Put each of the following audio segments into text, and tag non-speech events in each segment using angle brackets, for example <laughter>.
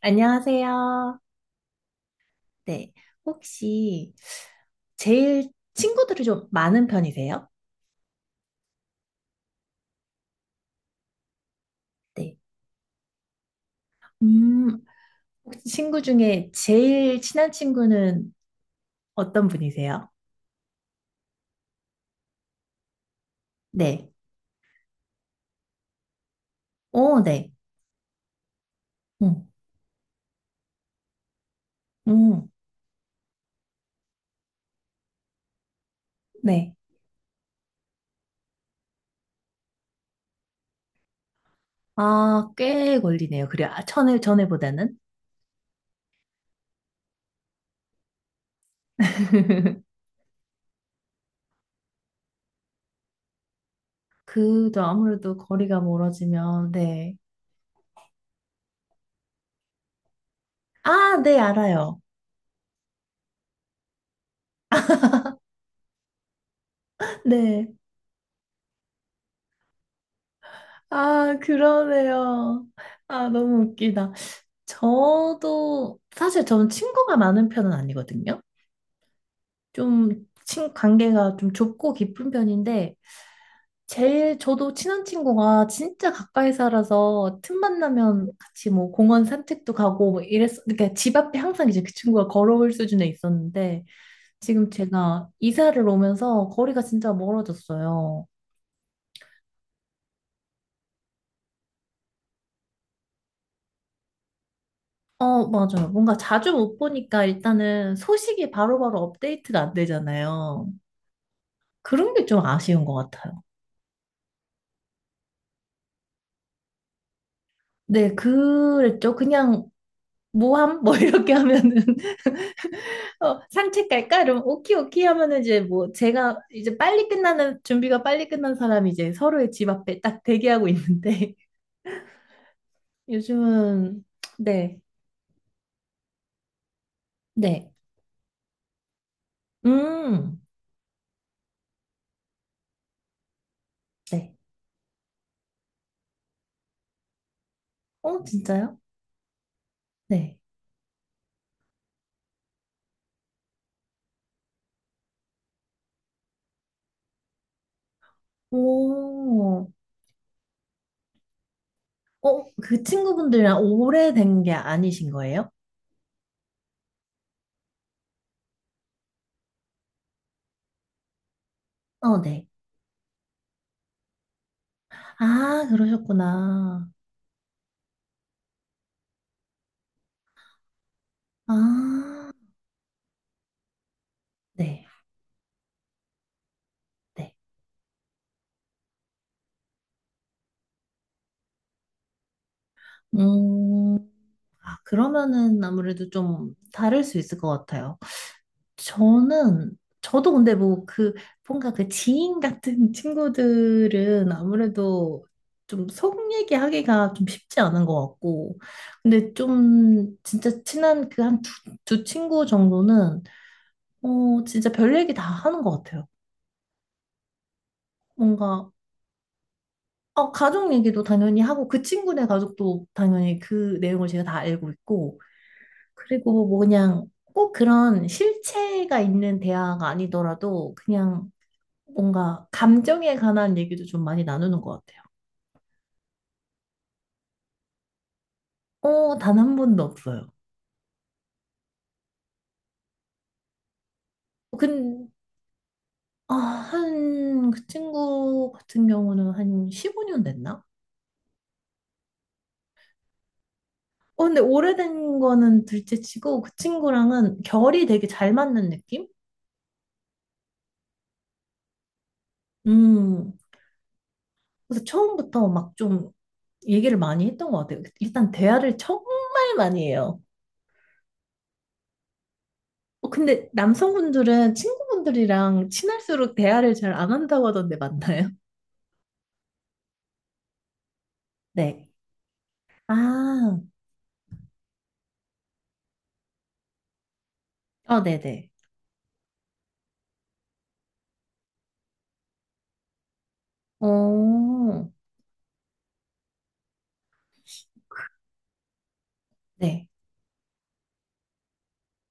안녕하세요. 네. 혹시 제일 친구들이 좀 많은 편이세요? 네. 음, 혹시 친구 중에 제일 친한 친구는 어떤 분이세요? 네. 오, 네. 음, 음, 네. 아, 꽤 걸리네요. 그래요. 아, 전에, 전에보다는. <laughs> 그도 아무래도 거리가 멀어지면, 네. 아, 네, 알아요. <laughs> 네. 아, 그러네요. 아, 너무 웃기다. 저도 사실 저는 친구가 많은 편은 아니거든요. 좀 관계가 좀 좁고 깊은 편인데 제일 저도 친한 친구가 진짜 가까이 살아서 틈만 나면 같이 뭐 공원 산책도 가고 뭐 이랬 그러니까 집 앞에 항상 이제 그 친구가 걸어올 수준에 있었는데 지금 제가 이사를 오면서 거리가 진짜 멀어졌어요. 어, 맞아요. 뭔가 자주 못 보니까 일단은 소식이 바로바로 업데이트가 안 되잖아요. 그런 게 좀 아쉬운 것 같아요. 네, 그랬죠. 그냥 모함 뭐 이렇게 하면은 <laughs> 어, 산책 갈까? 이러면 오키 오키 하면은 이제 뭐 제가 이제 빨리 끝나는 준비가 빨리 끝난 사람이 이제 서로의 집 앞에 딱 대기하고 있는데 <laughs> 요즘은 네. 네. 음. 네. 어, 진짜요? 네. 오. 어, 그 친구분들이랑 오래된 게 아니신 거예요? 어, 네. 아, 그러셨구나. 아. 네. 네. 음. 아, 그러면은 아무래도 좀 다를 수 있을 것 같아요. 저는, 저도 근데 뭐 뭔가 그 지인 같은 <laughs> 친구들은 아무래도 좀 속 얘기하기가 좀 쉽지 않은 것 같고. 근데 좀 진짜 친한 그 한 두 친구 정도는, 어, 진짜 별 얘기 다 하는 것 같아요. 뭔가, 가족 얘기도 당연히 하고, 그 친구네 가족도 당연히 그 내용을 제가 다 알고 있고, 그리고 뭐 그냥 꼭 그런 실체가 있는 대화가 아니더라도 그냥 뭔가 감정에 관한 얘기도 좀 많이 나누는 것 같아요. 어, 단 한 번도 없어요. 근, 아, 그 친구 같은 경우는 한 15년 됐나? 어, 근데 오래된 거는 둘째 치고 그 친구랑은 결이 되게 잘 맞는 느낌? 음, 그래서 처음부터 막 좀 얘기를 많이 했던 것 같아요. 일단 대화를 정말 많이 해요. 어, 근데 남성분들은 친구분들이랑 친할수록 대화를 잘 안 한다고 하던데 맞나요? <laughs> 네. 아, 어, 네네. 어, 네.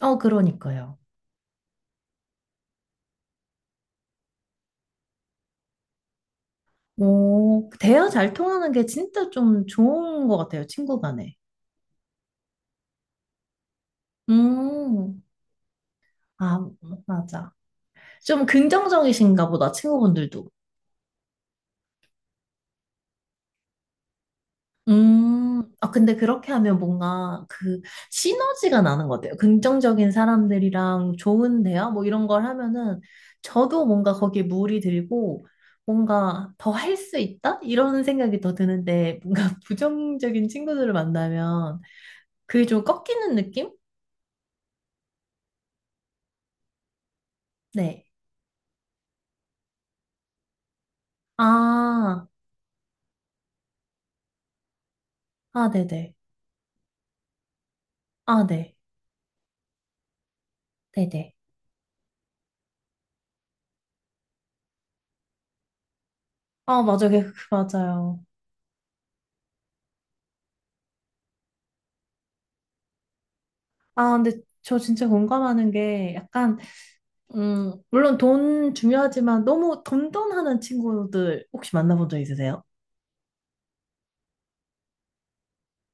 어, 그러니까요. 오, 대화 잘 통하는 게 진짜 좀 좋은 것 같아요, 친구 간에. 음, 아, 맞아. 좀 긍정적이신가 보다, 친구분들도. 아, 근데 그렇게 하면 뭔가 그 시너지가 나는 것 같아요. 긍정적인 사람들이랑 좋은 대화 뭐 이런 걸 하면은 저도 뭔가 거기에 물이 들고 뭔가 더 할 수 있다? 이런 생각이 더 드는데 뭔가 <laughs> 부정적인 친구들을 만나면 그게 좀 꺾이는 느낌? 네. 아, 아, 네네. 아, 네. 네네. 아, 맞아요. 그 맞아요. 아, 근데 저 진짜 공감하는 게 약간 물론 돈 중요하지만 너무 돈돈하는 친구들 혹시 만나본 적 있으세요?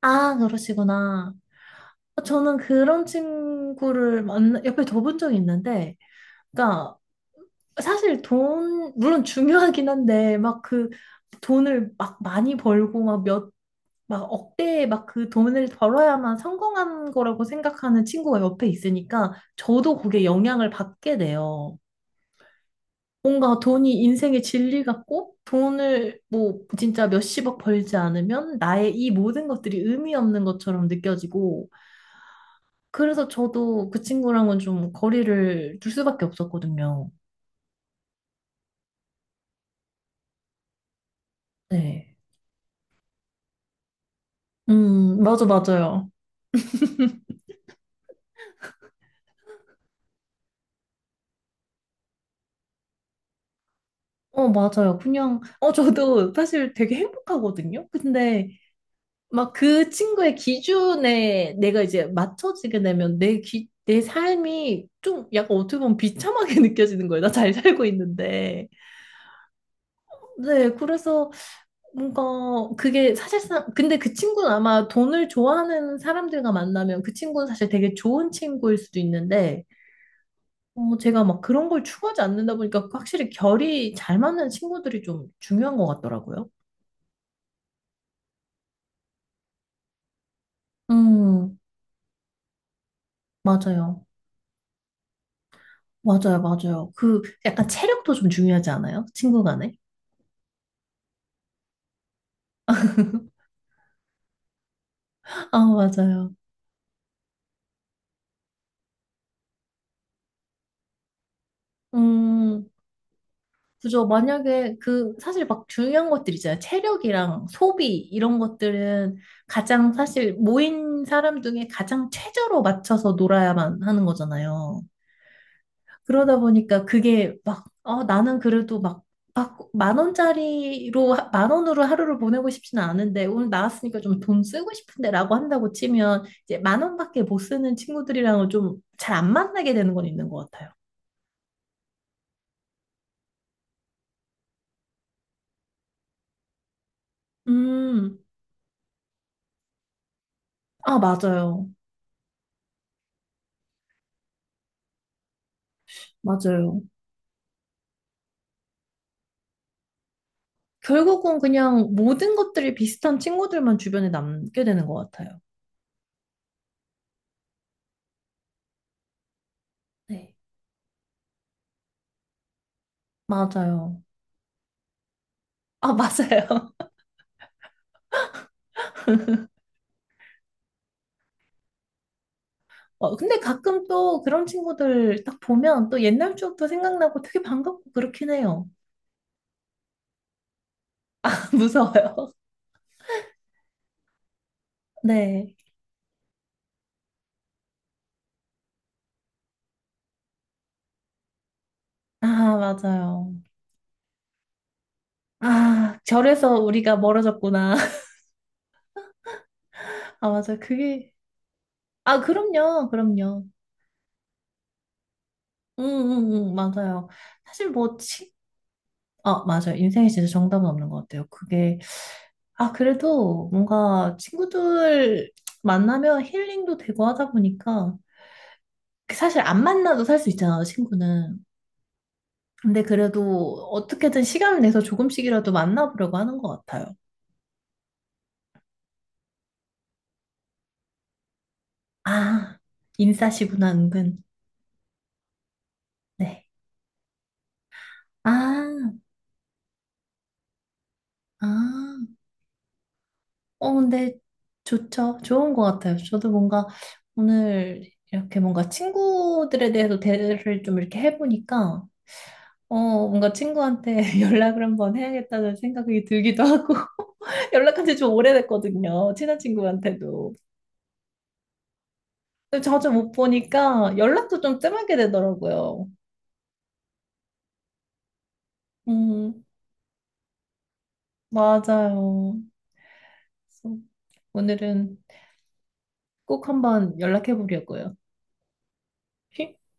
아, 그러시구나. 저는 그런 친구를 옆에 둬본 적이 있는데, 그러니까 사실 돈, 물론 중요하긴 한데, 막 그 돈을 막 많이 벌고 막 막 억대의 막 그 돈을 벌어야만 성공한 거라고 생각하는 친구가 옆에 있으니까 저도 그게 영향을 받게 돼요. 뭔가 돈이 인생의 진리 같고 돈을 뭐 진짜 몇십억 벌지 않으면 나의 이 모든 것들이 의미 없는 것처럼 느껴지고 그래서 저도 그 친구랑은 좀 거리를 둘 수밖에 없었거든요. 네. 맞아, 맞아요. 어, 맞아요. 그냥, 저도 사실 되게 행복하거든요. 근데 막 그 친구의 기준에 내가 이제 맞춰지게 되면 내 삶이 좀 약간 어떻게 보면 비참하게 <laughs> 느껴지는 거예요. 나 잘 살고 있는데. 네, 그래서 뭔가 그게 사실상 근데 그 친구는 아마 돈을 좋아하는 사람들과 만나면 그 친구는 사실 되게 좋은 친구일 수도 있는데 제가 막 그런 걸 추구하지 않는다 보니까 그 확실히 결이 잘 맞는 친구들이 좀 중요한 것 같더라고요. 음, 맞아요. 맞아요, 맞아요. 그 약간 체력도 좀 중요하지 않아요? 친구 간에? 아, 맞아요. 음, 그죠. 만약에 그 사실 막 중요한 것들 있잖아요. 체력이랑 소비 이런 것들은 가장 사실 모인 사람 중에 가장 최저로 맞춰서 놀아야만 하는 거잖아요. 그러다 보니까 그게 막, 나는 그래도 막, 막 만 원짜리로, 만 원으로 하루를 보내고 싶지는 않은데 오늘 나왔으니까 좀 돈 쓰고 싶은데 라고 한다고 치면 이제 만 원밖에 못 쓰는 친구들이랑은 좀 잘 안 만나게 되는 건 있는 것 같아요. 음, 아, 맞아요. 맞아요. 결국은 그냥 모든 것들이 비슷한 친구들만 주변에 남게 되는 것 같아요. 네. 맞아요. 아, 맞아요. <laughs> 어, 근데 가끔 또 그런 친구들 딱 보면 또 옛날 추억도 생각나고 되게 반갑고 그렇긴 해요. <laughs> 무서워요. 네. 아, 맞아요. 아, 절에서 우리가 멀어졌구나. <laughs> 아, 맞아요. 그게. 아, 그럼요. 그럼요. 응, 응, 응, 맞아요. 사실 뭐, 아, 맞아요. 인생에 진짜 정답은 없는 것 같아요. 그게 아, 그래도 뭔가 친구들 만나면 힐링도 되고 하다 보니까 그 사실 안 만나도 살 수 있잖아, 친구는. 근데 그래도 어떻게든 시간을 내서 조금씩이라도 만나보려고 하는 것 같아요. 아, 인싸시구나, 은근. 네. 아, 아. 어, 근데 좋죠. 좋은 것 같아요. 저도 뭔가 오늘 이렇게 뭔가 친구들에 대해서 대화를 좀 이렇게 해보니까 뭔가 친구한테 <laughs> 연락을 한번 해야겠다는 생각이 들기도 하고, <laughs> 연락한 지 좀 오래됐거든요. 친한 친구한테도. 근데 자주 못 보니까 연락도 좀 뜸하게 되더라고요. 음, 맞아요. 그래서 오늘은 꼭 한번 연락해 보려고요. <laughs>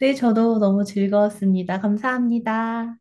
네, 저도 너무 즐거웠습니다. 감사합니다.